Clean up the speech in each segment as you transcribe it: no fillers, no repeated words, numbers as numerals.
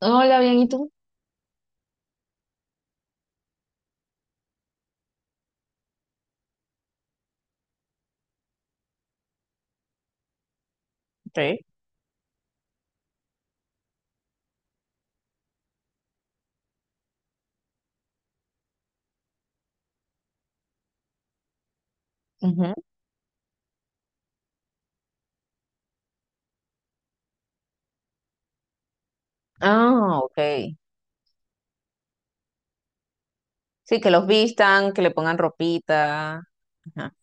Hola, bien, ¿y tú? Sí. Ujú. Ah, ok. Sí, que los vistan, que le pongan ropita. Ajá.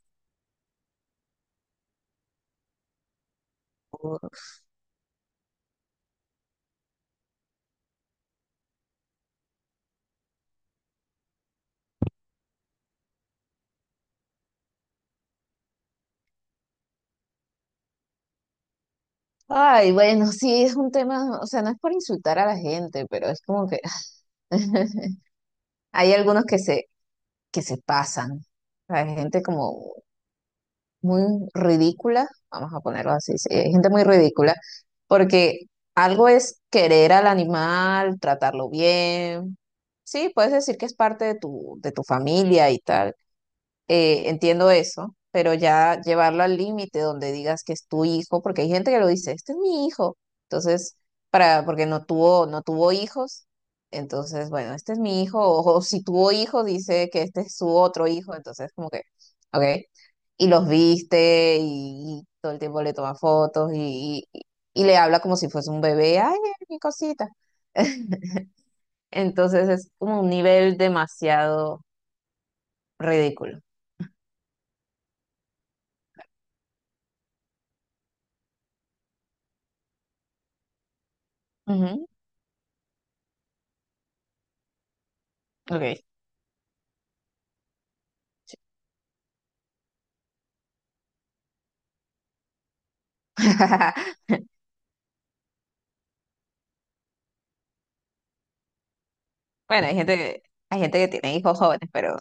Ay, bueno, sí, es un tema, o sea, no es por insultar a la gente, pero es como que hay algunos que se pasan. Hay gente como muy ridícula, vamos a ponerlo así, sí, hay gente muy ridícula, porque algo es querer al animal, tratarlo bien. Sí, puedes decir que es parte de tu familia y tal. Entiendo eso, pero ya llevarlo al límite donde digas que es tu hijo, porque hay gente que lo dice, este es mi hijo. Entonces, porque no tuvo hijos, entonces, bueno, este es mi hijo, o si tuvo hijos, dice que este es su otro hijo, entonces como que, ok. Y los viste y todo el tiempo le toma fotos y le habla como si fuese un bebé, ay, mira mi cosita. Entonces es como un nivel demasiado ridículo. Ujú, ok. Bueno, hay gente que tiene hijos jóvenes, pero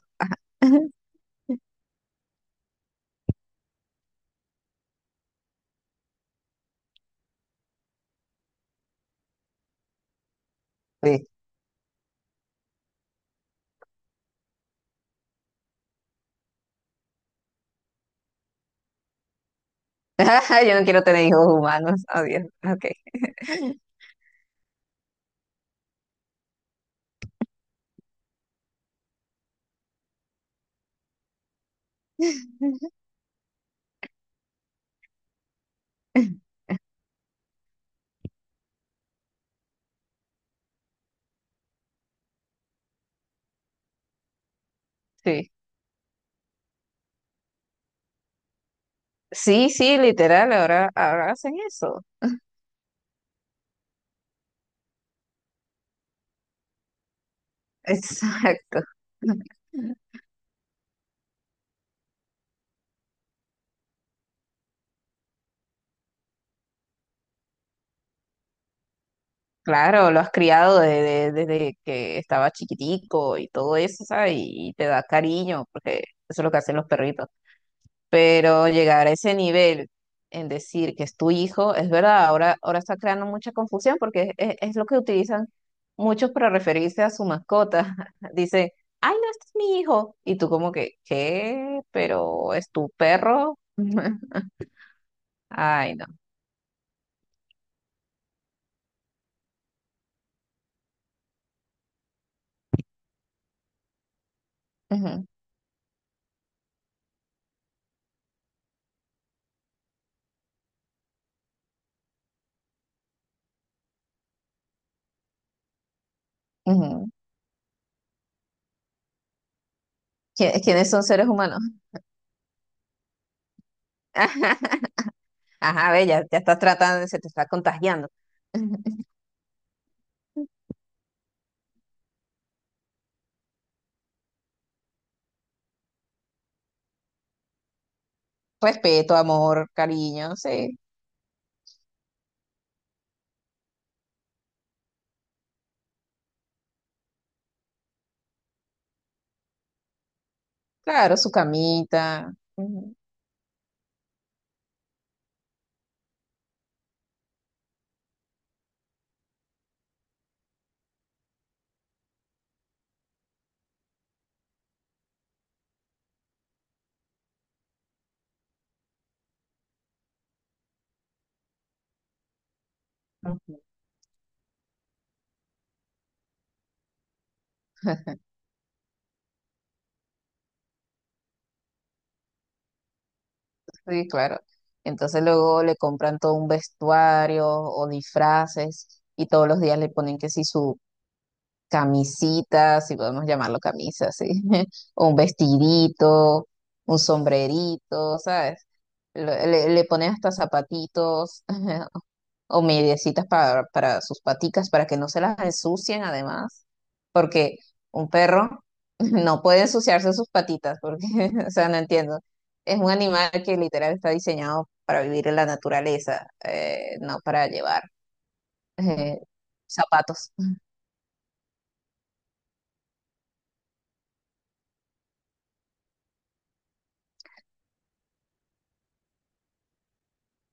sí. Yo no quiero tener hijos humanos. Adiós. Ok. Sí. Sí, sí, literal, ahora hacen eso. Exacto. Claro, lo has criado desde que estaba chiquitico y todo eso, ¿sabes? Y, te da cariño, porque eso es lo que hacen los perritos. Pero llegar a ese nivel en decir que es tu hijo, es verdad, ahora está creando mucha confusión porque es lo que utilizan muchos para referirse a su mascota. Dice ay, no, este es mi hijo. Y tú como que, ¿qué? ¿Pero es tu perro? Ay, no. Ujú, ujú. ¿Quiénes son seres humanos? Ajá, ve, ya, ya estás tratando, se te está contagiando. Respeto, amor, cariño, sí. Claro, su camita. Ujú. Sí, claro. Entonces luego le compran todo un vestuario o disfraces y todos los días le ponen que si su camisita, si podemos llamarlo camisa, sí, o un vestidito, un sombrerito, ¿sabes? Le ponen hasta zapatitos, o mediecitas para sus paticas, para que no se las ensucien además, porque un perro no puede ensuciarse sus patitas, porque, o sea, no entiendo. Es un animal que literal está diseñado para vivir en la naturaleza, no para llevar eh, zapatos.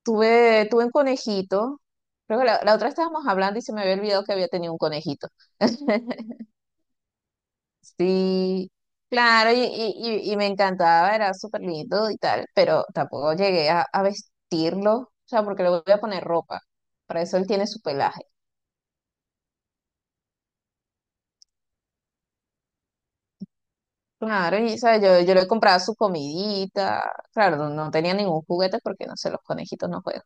Tuve un conejito, creo que la otra estábamos hablando y se me había olvidado que había tenido un conejito. Sí, claro, y me encantaba, era súper lindo y tal, pero tampoco llegué a vestirlo, o sea, porque le voy a poner ropa, para eso él tiene su pelaje. Claro, y ¿sabes? Yo le compraba su comidita, claro, no, no tenía ningún juguete porque no sé, los conejitos no juegan.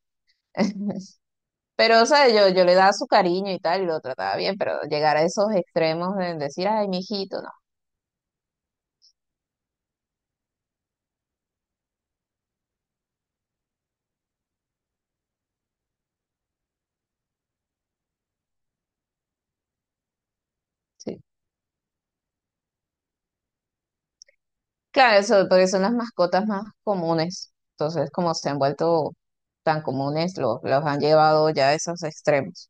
Pero, ¿sabes? Yo le daba su cariño y tal, y lo trataba bien, pero llegar a esos extremos de decir, ay, mi hijito, no. Sí. Claro, eso, porque son las mascotas más comunes. Entonces, como se han vuelto tan comunes, los han llevado ya a esos extremos.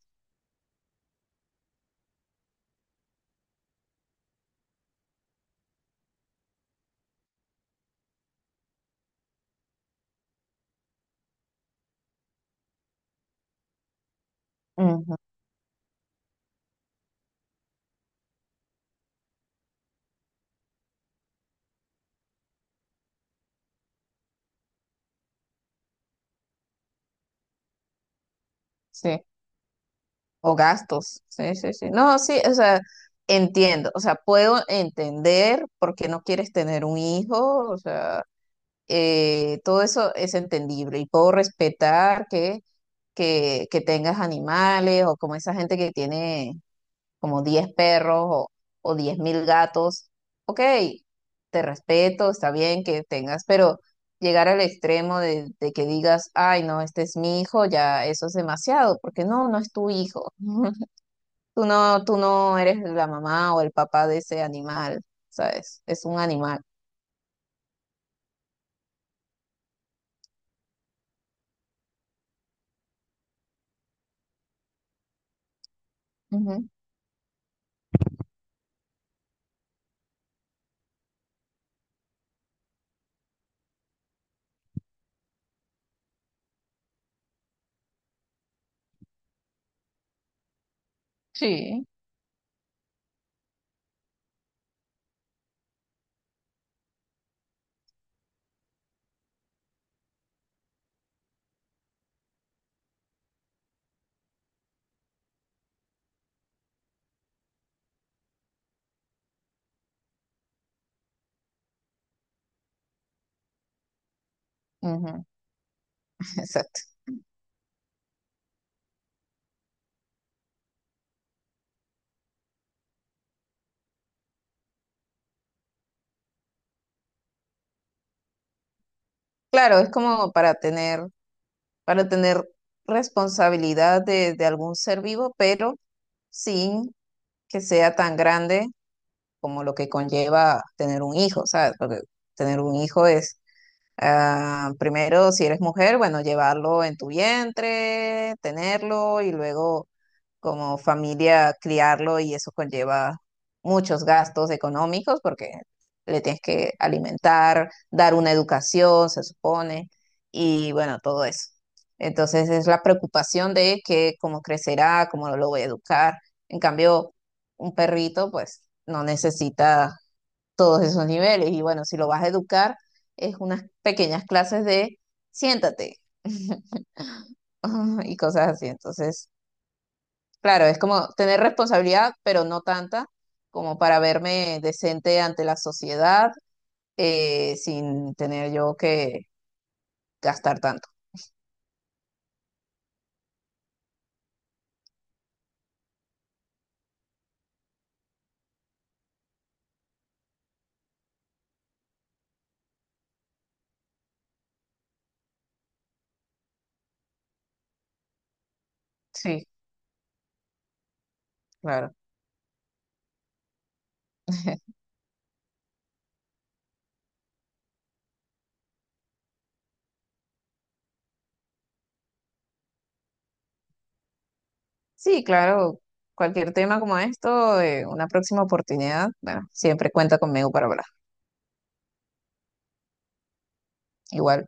Ujú, sí. O gastos. Sí, sí, sí. No, sí, o sea, entiendo. O sea, puedo entender por qué no quieres tener un hijo. O sea, todo eso es entendible. Y puedo respetar que tengas animales o como esa gente que tiene, como 10 perros o 10.000 gatos, ok, te respeto, está bien que tengas, pero llegar al extremo de que digas, ay, no, este es mi hijo, ya eso es demasiado, porque no, no es tu hijo. Tú no eres la mamá o el papá de ese animal, ¿sabes? Es un animal. Ujú, sí. Ujú. Exacto. Claro, es como para tener, responsabilidad de algún ser vivo, pero sin que sea tan grande como lo que conlleva tener un hijo, ¿sabes? Porque tener un hijo es, ah, primero, si eres mujer, bueno, llevarlo en tu vientre, tenerlo y luego como familia criarlo y eso conlleva muchos gastos económicos porque le tienes que alimentar, dar una educación, se supone, y bueno, todo eso. Entonces es la preocupación de que cómo crecerá, cómo lo voy a educar. En cambio, un perrito pues no necesita todos esos niveles y bueno, si lo vas a educar es unas pequeñas clases de siéntate y cosas así. Entonces, claro, es como tener responsabilidad, pero no tanta como para verme decente ante la sociedad, sin tener yo que gastar tanto. Sí, claro. Sí, claro. Cualquier tema como esto, una próxima oportunidad, bueno, siempre cuenta conmigo para hablar. Igual.